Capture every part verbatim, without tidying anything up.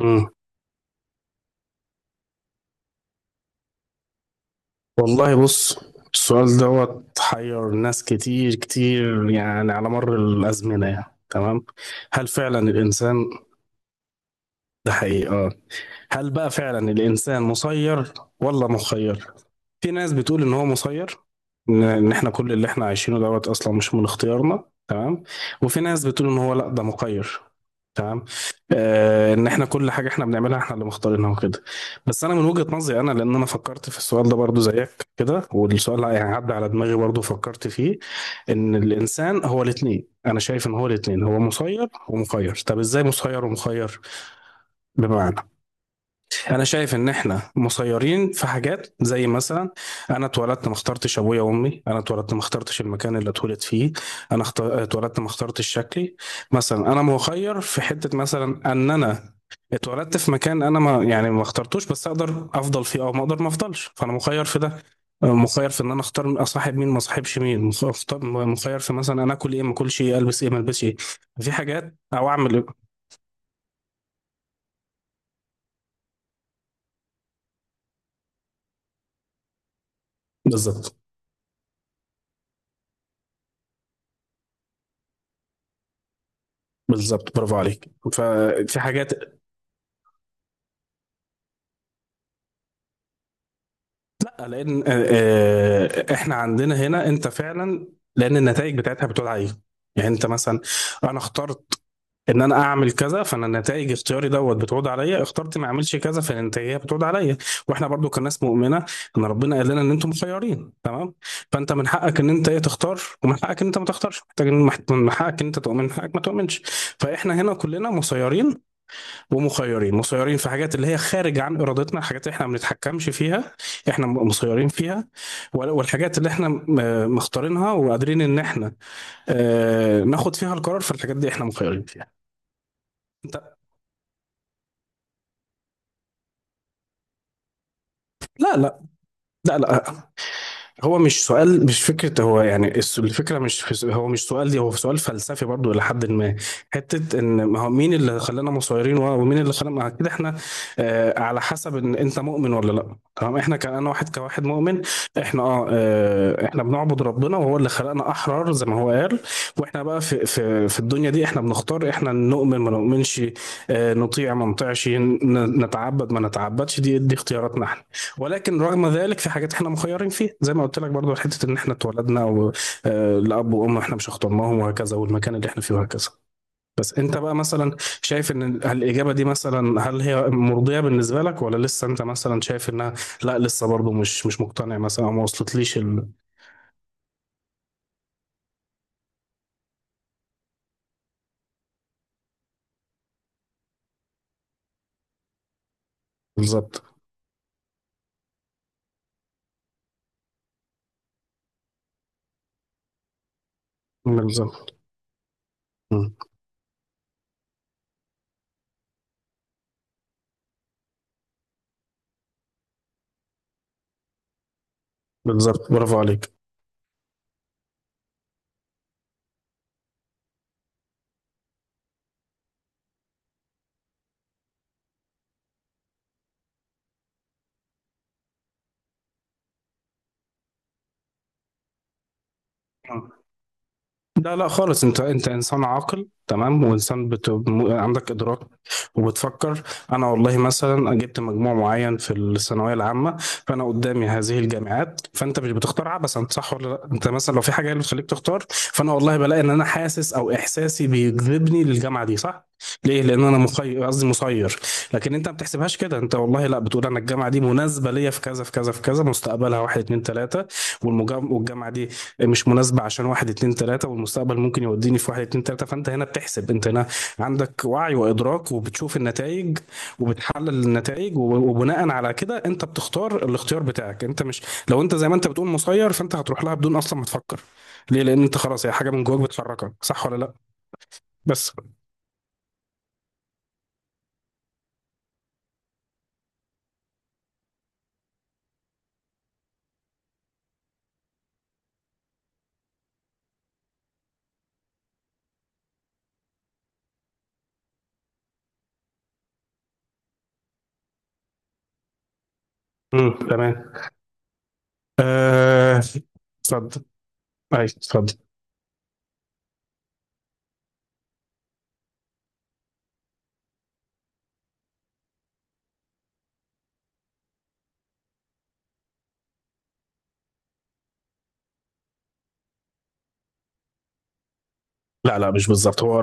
مم. والله بص، السؤال دوت حير ناس كتير كتير، يعني على مر الأزمنة، يعني تمام. هل فعلا الإنسان ده حقيقة، هل بقى فعلا الإنسان مسير ولا مخير؟ في ناس بتقول إن هو مسير، إن إن إحنا كل اللي إحنا عايشينه دوت أصلا مش من اختيارنا، تمام. وفي ناس بتقول إن هو لأ، ده مخير، تمام. آه إن إحنا كل حاجة إحنا بنعملها إحنا اللي مختارينها وكده. بس أنا من وجهة نظري أنا، لأن أنا فكرت في السؤال ده برضو زيك كده، والسؤال يعني عدى على دماغي برضو فكرت فيه، إن الإنسان هو الاتنين. أنا شايف إن هو الاتنين، هو مسير ومخير. طب إزاي مسير ومخير؟ بمعنى، انا شايف ان احنا مسيرين في حاجات، زي مثلا انا اتولدت ما اخترتش ابويا وامي، انا اتولدت ما اخترتش المكان اللي اتولد فيه، انا اخت- اتولدت ما اخترتش شكلي. مثلا انا مخير في حته، مثلا ان انا اتولدت في مكان انا ما يعني ما اخترتوش، بس اقدر افضل فيه او ما اقدر ما افضلش، فانا مخير في ده. مخير في ان انا اختار اصاحب مين ما اصاحبش مين، مخ- أخت- مخير في مثلا انا اكل ايه ما اكلش ايه، البس ايه ما البسش ايه، في حاجات او اعمل ايه. بالظبط. بالظبط، برافو عليك. ففي حاجات، لا لان آه، آه، احنا عندنا هنا انت فعلا، لان النتائج بتاعتها بتقول عليه. يعني انت مثلا، انا اخترت ان انا اعمل كذا، فانا النتائج اختياري دوت بتعود عليا، اخترت ما اعملش كذا فالنتائج بتعود عليا. واحنا برضو كناس مؤمنه، ان ربنا قال لنا ان انتم مخيرين، تمام. فانت من حقك ان انت ايه تختار، ومن حقك ان انت ما تختارش محتاج، من حقك ان انت تؤمن، من حقك ما تؤمنش. فاحنا هنا كلنا مسيرين ومخيرين، مسيرين في حاجات اللي هي خارج عن ارادتنا، الحاجات اللي احنا ما بنتحكمش فيها، احنا م- مسيرين فيها. وال- والحاجات اللي احنا م- مختارينها وقادرين ان احنا آه، ناخد فيها القرار، في الحاجات دي احنا مخيرين فيها. انت لا، لا، لا، لا، هو مش سؤال، مش فكرة. هو يعني الس- الفكرة مش في س- هو مش سؤال دي، هو سؤال فلسفي برضو إلى حد ما، حتة إن ما هو مين اللي خلانا مصيرين، و- ومين اللي خلانا مع كده. إحنا آه، على حسب إن أنت مؤمن ولا لأ، تمام. إحنا كأنا واحد كواحد مؤمن، إحنا آه, آه إحنا بنعبد ربنا، وهو اللي خلقنا أحرار زي ما هو قال. وإحنا بقى في في في الدنيا دي إحنا بنختار، إحنا نؤمن ما نؤمنش، آه، نطيع ما نطيعش، ن- نتعبد ما نتعبدش، دي دي اختياراتنا إحنا. ولكن رغم ذلك في حاجات احنا مخيرين فيها، زي ما قلت لك برضو، حته ان احنا اتولدنا و- آه، لاب وام احنا مش اخترناهم، وهكذا، والمكان اللي احنا فيه، وهكذا. بس انت بقى مثلا شايف ان ال- الاجابه دي، مثلا هل هي مرضيه بالنسبه لك، ولا لسه انت مثلا شايف انها لا، لسه برضو مش مش مقتنع مثلا، او ما وصلتليش ال- بالظبط. بالظبط. مم. بالظبط، برافو عليك. لا لا خالص، انت انت انسان عاقل، تمام، وانسان بت... م- عندك ادراك وبتفكر. انا والله مثلا جبت مجموع معين في الثانويه العامه، فانا قدامي هذه الجامعات، فانت مش بتختار عبثا، صح ولا لا؟ انت مثلا لو في حاجه هي اللي بتخليك تختار، فانا والله بلاقي ان انا حاسس، او احساسي بيجذبني للجامعه دي، صح؟ ليه؟ لان انا مخير، قصدي مسير. لكن انت ما بتحسبهاش كده، انت والله لا، بتقول انا الجامعه دي مناسبه ليا في كذا في كذا في كذا، مستقبلها واحد اتنين تلاته، والمجا- والجامعه دي مش مناسبه عشان واحد اتنين تلاته، والمستقبل ممكن يوديني في واحد اتنين تلاته. فانت هنا بتحسب، انت هنا عندك وعي وادراك، وبتشوف النتائج، وبتحلل النتائج، وبناء على كده انت بتختار الاختيار بتاعك. انت مش، لو انت زي ما انت بتقول مسير، فانت هتروح لها بدون اصلا ما تفكر. ليه؟ لان انت خلاص هي حاجه من جواك بتحركك، صح ولا لا؟ بس، امم تمام. آه، اتفضل، اي اتفضل. لا، لا، مش بالظبط. هو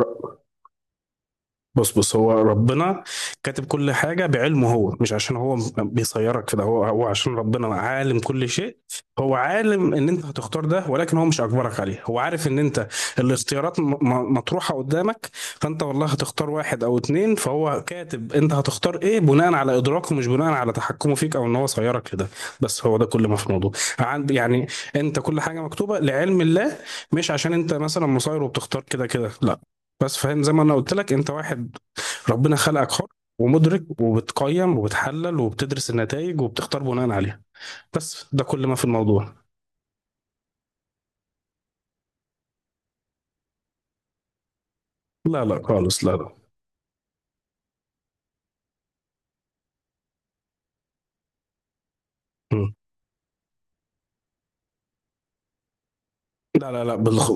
بص بص هو ربنا كاتب كل حاجة بعلمه، هو مش عشان هو بيصيرك في ده، هو هو عشان ربنا عالم كل شيء. هو عالم ان انت هتختار ده، ولكن هو مش اجبرك عليه، هو عارف ان انت الاختيارات م- م- مطروحة قدامك، فانت والله هتختار واحد او اتنين، فهو كاتب انت هتختار ايه بناء على ادراكه، مش بناء على تحكمه فيك، او ان هو صيرك لده. بس هو ده كل ما في الموضوع. عن- يعني انت كل حاجة مكتوبة لعلم الله، مش عشان انت مثلا مصير وبتختار كده كده، لا. بس فاهم، زي ما انا قلت لك، انت واحد ربنا خلقك حر ومدرك، وبتقيم وبتحلل وبتدرس النتائج، وبتختار بناء عليها. بس ده كل ما في الموضوع. لا لا خالص، لا لا، مم. لا لا لا بالخ...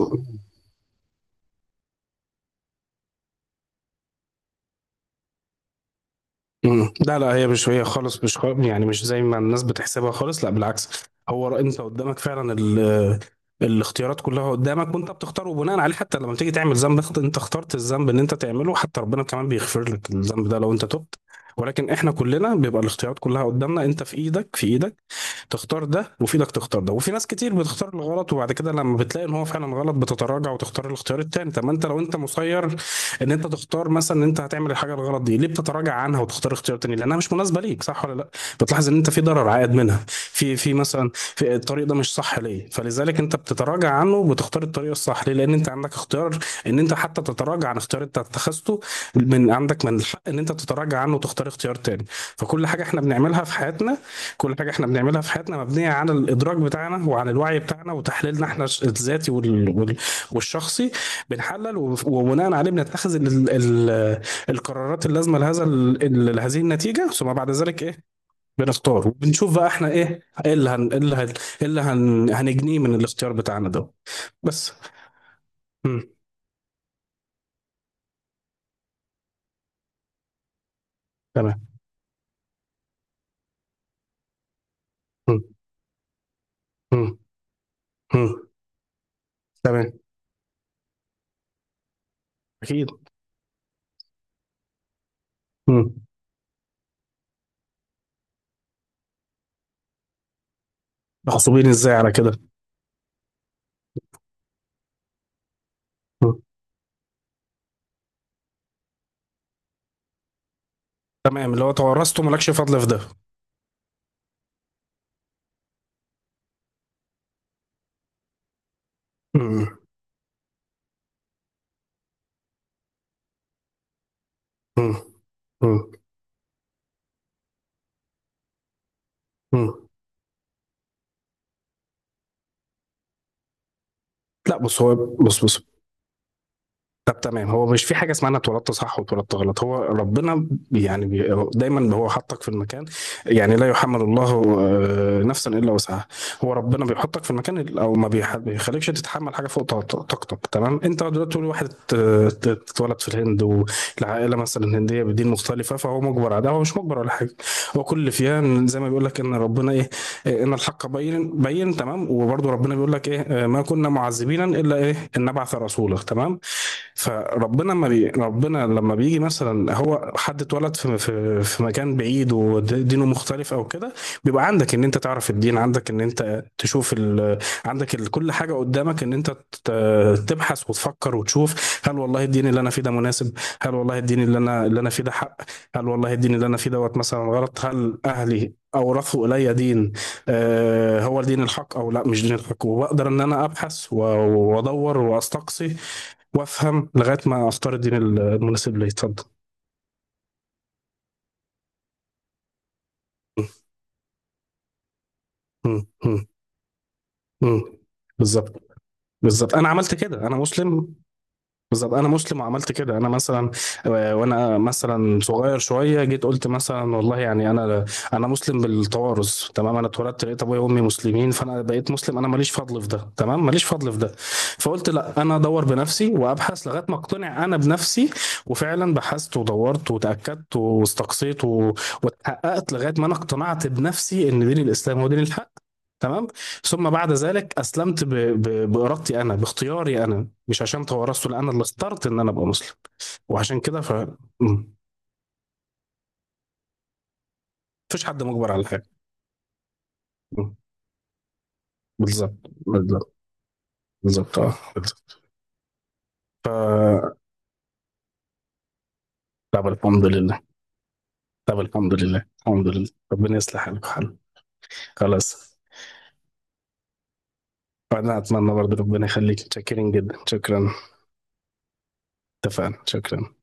مم. لا لا، هي مش هي خالص، مش خ... يعني مش زي ما الناس بتحسبها خالص، لا بالعكس. هو رأ- انت قدامك فعلا ال... الاختيارات كلها قدامك، وانت بتختار، وبناء عليه حتى لما بتيجي تعمل ذنب، اخت- انت اخترت الذنب ان انت تعمله، حتى ربنا كمان بيغفر لك الذنب ده لو انت تبت. ولكن احنا كلنا بيبقى الاختيارات كلها قدامنا، انت في ايدك، في ايدك تختار ده، وفي ايدك تختار ده. وفي ناس كتير بتختار الغلط، وبعد كده لما بتلاقي ان هو فعلا غلط، بتتراجع وتختار الاختيار التاني. طب ما انت لو انت مسير ان انت تختار مثلا ان انت هتعمل الحاجه الغلط دي، ليه بتتراجع عنها وتختار اختيار تاني؟ لانها مش مناسبه ليك، صح ولا لا؟ بتلاحظ ان انت في ضرر عائد منها، في في مثلا في الطريق ده مش صح ليه، فلذلك انت بتتراجع عنه، وبتختار الطريق الصح ليه. لان انت عندك اختيار ان انت حتى تتراجع عن اختيار انت اتخذته، من عندك من الحق ان انت تتراجع عنه وتختار اختيار تاني. فكل حاجه احنا بنعملها في حياتنا، كل حاجة احنا بنعملها في حياتنا مبنية على الإدراك بتاعنا، وعلى الوعي بتاعنا، وتحليلنا احنا الش- الذاتي وال- وال- والشخصي. بنحلل وف- وبناء عليه بنتخذ ال ال القرارات اللازمة لهذا ال- ال- لهذه النتيجة، ثم بعد ذلك ايه؟ بنختار، وبنشوف بقى احنا ايه، ايه اللي هن ايه اللي هن ايه اللي هن هنجنيه من الاختيار بتاعنا ده. بس. مم. تمام. مم. مم. مم. تمام، أكيد. مم. مغصوبين ازاي على كده؟ مم. تمام، اللي هو تورثته، مالكش فضل في ده. مم. مم. مم. مم. لا بص، هو بص بص طب تمام، هو مش في حاجه اسمها انا اتولدت صح واتولدت غلط، هو ربنا بي- يعني بي، هو دايما هو حطك في المكان، يعني لا يحمل الله آه، نفسا الا وسعها. هو ربنا بيحطك في المكان ال- او ما بيح- بيخليكش تتحمل حاجه فوق طاق- طاقتك، تمام. انت دلوقتي تقول واحد ات- ات- اتولد في الهند، والعائله مثلا هنديه بدين مختلفه، فهو مجبر على ده، هو مش مجبر ولا حاجه. هو كل فيها إن زي ما بيقول لك ان ربنا ايه، آه، ان الحق بين بين، تمام. وبرضه ربنا بيقول لك ايه، آه، ما كنا معذبين الا ايه ان نبعث رسولا، تمام. فربنا ما بي... ربنا لما بيجي مثلا هو حد اتولد في في, في مكان بعيد ودينه مختلف او كده، بيبقى عندك ان انت تعرف الدين، عندك ان انت تشوف ال... عندك ال... كل حاجه قدامك ان انت ت... تبحث وتفكر وتشوف، هل والله الدين اللي انا فيه ده مناسب؟ هل والله الدين اللي انا اللي انا فيه ده حق؟ هل والله الدين اللي انا فيه دوت مثلا غلط؟ هل اهلي اورثوا الي دين آه هو الدين الحق، او لا مش دين الحق؟ وبقدر ان انا ابحث و- وادور واستقصي وافهم لغايه ما اختار الدين المناسب لي. اتفضل. مم. مم. مم. بالظبط. بالظبط، انا عملت كده، انا مسلم. بالظبط، انا مسلم وعملت كده، انا مثلا آه، وانا مثلا صغير شويه، جيت قلت مثلا والله يعني انا انا مسلم بالتوارث، تمام. انا اتولدت لقيت ابويا وامي مسلمين، فانا بقيت مسلم، انا ماليش فضل في ده، تمام، ماليش فضل في ده. فقلت لا، انا ادور بنفسي وابحث لغايه ما اقتنع انا بنفسي. وفعلا بحثت ودورت وتاكدت واستقصيت و- واتحققت لغايه ما انا اقتنعت بنفسي ان دين الاسلام هو دين الحق، تمام. ثم بعد ذلك اسلمت ب... ب... بارادتي انا، باختياري انا، مش عشان توارثت، لا، انا اللي اخترت ان انا ابقى مسلم. وعشان كده ف مم. مفيش حد مجبر على حاجه. مم. بالظبط. بالظبط. بالظبط، اه، بالظبط. ف طب الحمد لله. طب الحمد لله، الحمد لله، ربنا يصلح حالك وحالك. خلاص، وانا اتمنى برضه ربنا يخليك، شاكرين جدا، شكرا. اتفقنا، شكرا.